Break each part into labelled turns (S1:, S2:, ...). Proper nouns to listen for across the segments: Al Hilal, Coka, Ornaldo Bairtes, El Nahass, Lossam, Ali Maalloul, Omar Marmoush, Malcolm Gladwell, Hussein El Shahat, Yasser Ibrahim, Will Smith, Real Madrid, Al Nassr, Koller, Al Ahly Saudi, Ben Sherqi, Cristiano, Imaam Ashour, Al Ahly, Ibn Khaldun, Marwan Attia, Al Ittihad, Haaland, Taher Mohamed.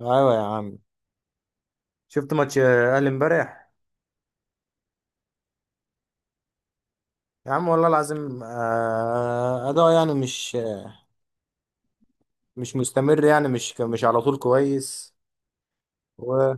S1: ايوه يا عم. شفت ماتش الاهلي امبارح؟ يا عم والله العظيم، اداء يعني مش مستمر، يعني مش على طول كويس و...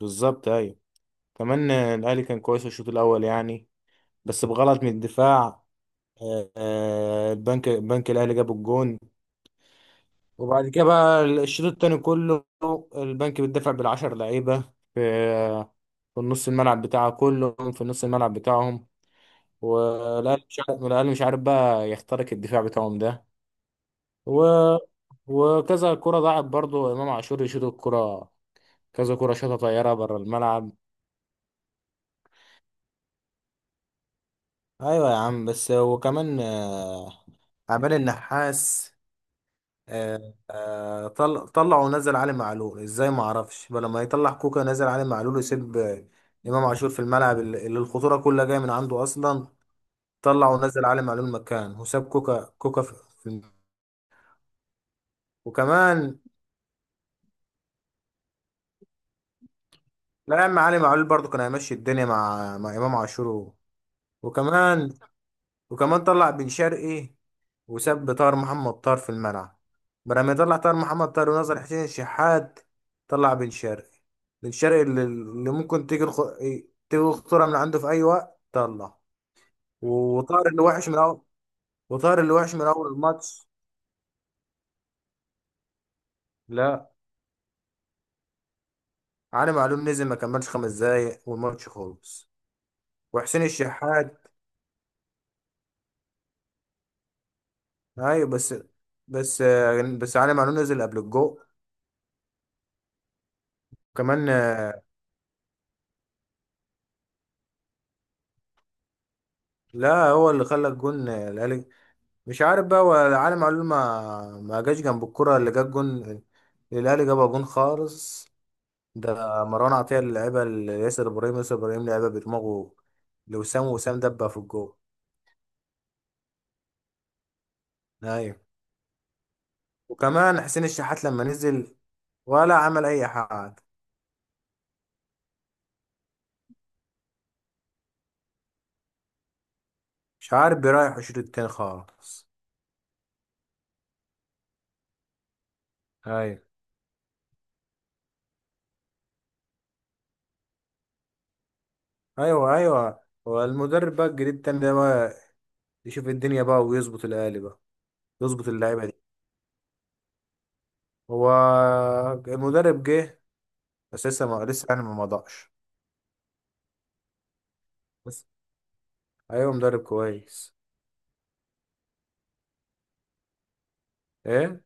S1: بالظبط ايوه. كمان، الاهلي كان كويس في الشوط الاول يعني، بس بغلط من الدفاع. البنك الاهلي جاب الجون، وبعد كده بقى الشوط التاني كله البنك بيدافع بالعشر لعيبه في في النص الملعب بتاعه، كلهم في نص الملعب بتاعهم. والأهلي مش عارف الأهلي مش عارف بقى يخترق الدفاع بتاعهم ده و... وكذا كرة ضاعت، برضو إمام عاشور يشوط الكرة، كذا كرة شاطة طيارة بره الملعب. ايوه يا عم، بس وكمان عمال النحاس. طلع ونزل علي معلول ازاي؟ ما اعرفش. بل لما يطلع كوكا نزل علي معلول ويسيب امام عاشور في الملعب، اللي الخطوره كلها جايه من عنده اصلا. طلع ونزل علي معلول مكان، وساب كوكا في في الم- وكمان. لا يا عم علي معلول برضو كان هيمشي الدنيا مع امام عاشور. وكمان، وكمان طلع بن شرقي وساب طاهر محمد طاهر في الملعب، بدل ما يطلع طاهر محمد طاهر ونظر حسين الشحات. طلع بن شرقي، بن شرقي اللي ممكن تيجي تيجي الخطوره من عنده في اي وقت طلع. وطاهر اللي وحش من اول وطاهر اللي وحش من اول الماتش. لا، علي معلول نزل ما كملش 5 دقايق والماتش خلص. وحسين الشحات. ايوه بس، بس علي معلول نزل قبل الجو. كمان، لا هو اللي خلى الجون الاهلي. مش عارف بقى، هو علي معلول ما جاش جنب الكرة اللي جاب جون. الاهلي جابها جون خالص. ده مروان عطية اللي لعبها لياسر ابراهيم، ياسر ابراهيم لعبها بدماغه لوسام، دبها في الجو. ايوه. وكمان حسين الشحات لما نزل ولا عمل اي حاجة. مش عارف، بيريح الشوط التاني خالص. ايوه، ايوه، ايوه. هو المدرب بقى الجديد التاني ده بقى يشوف الدنيا بقى ويظبط الاهلي بقى، يظبط اللعيبه دي. هو المدرب جه بس لسه ما لسه يعني ما مضاعش بس. ايوه مدرب كويس. ايه؟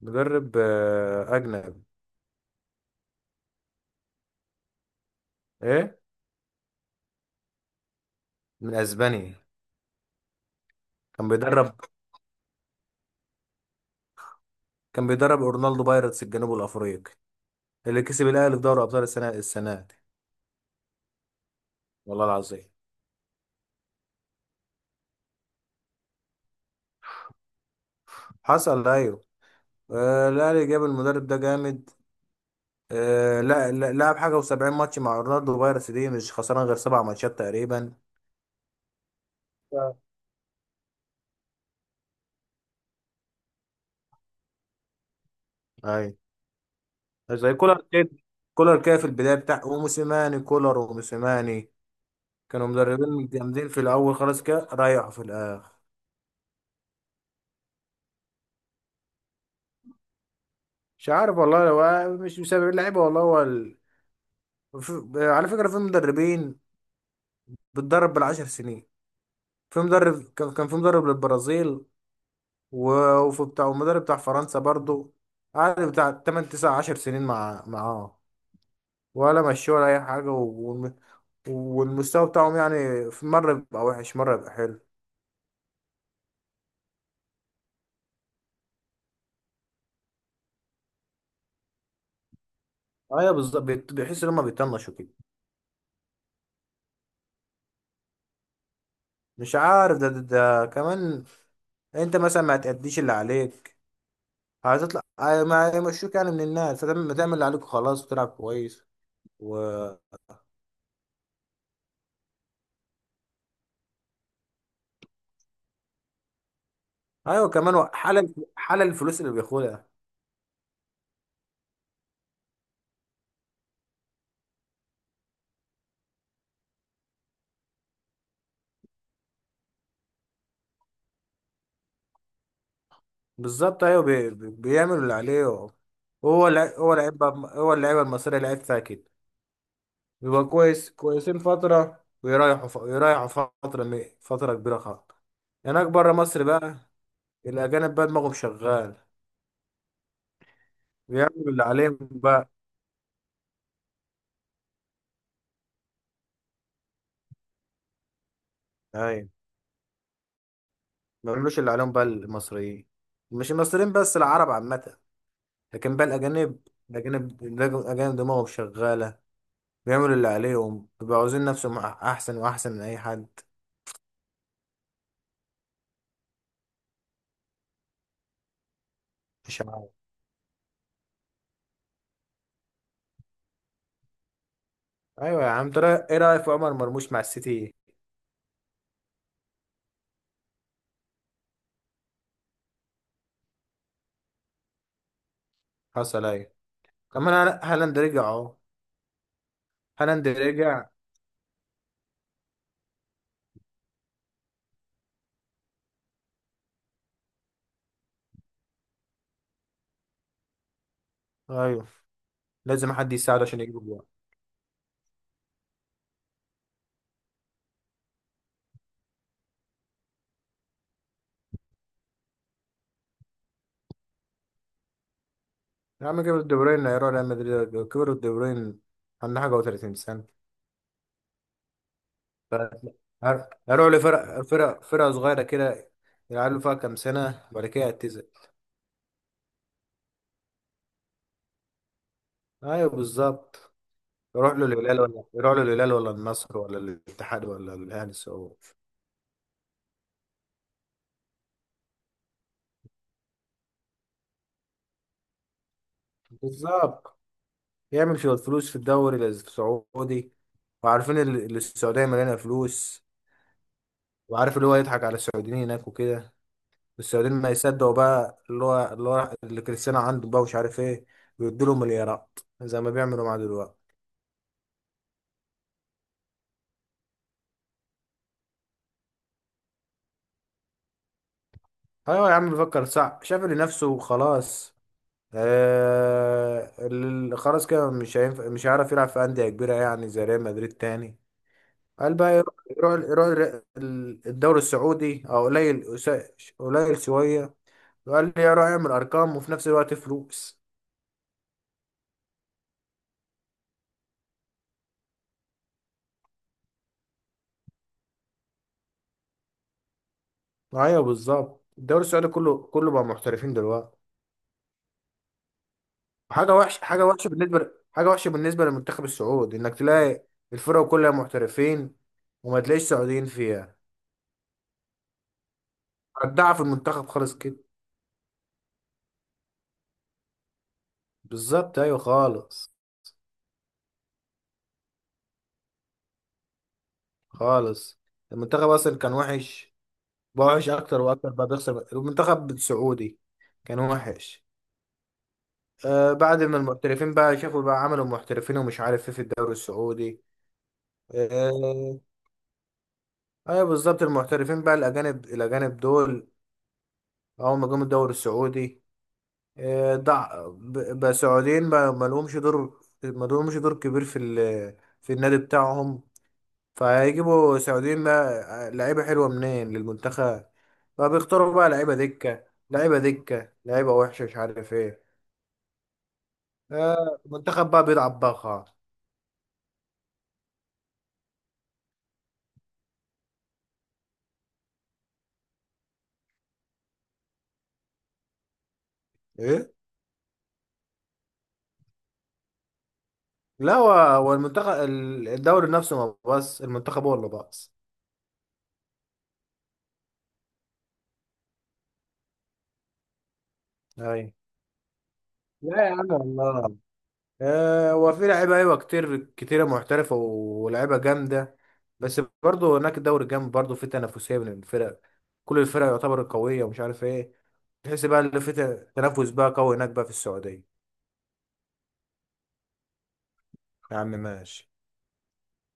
S1: مدرب اجنبي. ايه؟ من اسبانيا. كان بيدرب كان بيدرب اورنالدو بايرتس الجنوب الافريقي، اللي كسب الاهلي في دوري ابطال السنه دي. والله العظيم. حصل ايوه. آه، الاهلي جاب المدرب ده جامد. آه، لعب حاجه و70 ماتش مع اورنالدو بايرتس دي، مش خسران غير 7 ماتشات تقريبا. ف- اي. زي كولر كده، كولر كده في البدايه بتاع وموسيماني، كولر وموسيماني كانوا مدربين جامدين في الاول، خلاص كده ريحوا في الاخر. مش عارف والله، هو مش بسبب اللعيبه والله، هو على فكره في مدربين بتدرب بالعشر سنين. في مدرب كان في مدرب للبرازيل و... وفي بتاع ومدرب بتاع فرنسا برضو، قعد بتاع 8 9 10 سنين معاه ولا مشوه ولا اي حاجه، والم- والمستوى بتاعهم يعني في مره بيبقى وحش مره بيبقى حلو. ايوه بالظبط، بيحس ان هم بيطنشوا كده. مش عارف ده كمان. انت مثلا ما هتأديش اللي عليك، هتطلع ما يمشوك يعني من الناس، فتعمل، اللي عليك خلاص وتلعب كويس. و. ايوه كمان، هو حلل، الفلوس اللي بياخدها. بالظبط ايوه، بيعمل اللي عليه. هو لعيب، هو اللعيبه المصريه لعيبتها كده. بيبقى كويس كويسين فتره ويريحوا يريحوا فتره فتره كبيره خالص. هناك بره مصر بقى الاجانب بقى دماغهم شغال، بيعملوا اللي عليهم بقى. ايوه ما بيعملوش اللي عليهم بقى المصريين. مش المصريين بس، العرب عامة. لكن بقى الأجانب، الأجانب دماغهم شغالة، بيعملوا اللي عليهم، بيبقوا عاوزين نفسهم أحسن وأحسن من أي حد. مش عارف. أيوة يا عم، ترى إيه رأيك في عمر مرموش مع السيتي؟ حصل أيوة. كمان هالاند رجع أهو. هالاند رجع. أيوه. لازم حد يساعده عشان يجيب جوان. يا عم كبر الدبرين، يا ريال مدريد كبر الدبرين، عنده حاجة و30 سنة. هروح لفرق، فرقة صغيرة كده، يلعبوا فيها كام سنة وبعد كده يعتزل. أيوه بالظبط. يروح له الهلال، ولا يروح له الهلال ولا النصر ولا الاتحاد ولا الأهلي السعودي؟ بالظبط، يعمل شوية فلوس في الدوري السعودي. وعارفين السعودية مليانة فلوس. وعارف اللي هو يضحك على السعوديين هناك وكده. السعوديين ما يصدقوا بقى، اللي هو اللي كريستيانو عنده بقى ومش عارف ايه، ويدوا له مليارات زي ما بيعملوا معاه دلوقتي. ايوه يا عم بفكر صح، شافل نفسه وخلاص. آه خلاص كده مش هينفع، مش هيعرف يلعب في أندية كبيرة يعني زي ريال مدريد تاني. قال بقى يروح، الدوري السعودي، او قليل قليل شوية، وقال لي يروح يعمل ارقام وفي نفس الوقت فلوس. ايوه بالظبط، الدوري السعودي كله بقى محترفين دلوقتي. حاجة وحشة، حاجة وحشة بالنسبة للمنتخب السعودي، انك تلاقي الفرق كلها محترفين وما تلاقيش سعوديين فيها. ودعها في المنتخب خالص كده. بالظبط ايوه، خالص. خالص. المنتخب اصلا كان وحش، بقى وحش اكتر واكتر بقى، بيخسر المنتخب السعودي. كان وحش. آه بعد ما المحترفين بقى شافوا بقى، عملوا محترفين ومش عارف ايه في الدوري السعودي. آه. ايوه بالظبط، المحترفين بقى الاجانب، دول اول ما جم الدوري السعودي، آه بقى سعوديين بقى ما لهمش دور، ما لهمش دور كبير في في النادي بتاعهم، فهيجيبوا سعوديين لا لعيبة حلوة منين للمنتخب، فبيختاروا بقى لعيبة دكة، لعيبة دكة لعيبة وحشة مش عارف ايه. آه، المنتخب بقى بيلعب بقى خالص. ايه. لا هو المنتخب الدوري نفسه، ما بس المنتخب هو اللي باص. اي. لا يا عم والله. آه، هو في لعيبة ايوه كتير، كتيرة محترفة ولعيبة جامدة، بس برضه هناك الدوري جامد برضه، في تنافسية بين الفرق، كل الفرق يعتبر قوية ومش عارف ايه. تحس بقى اللي في تنافس بقى قوي هناك بقى في السعودية. يا عم ماشي.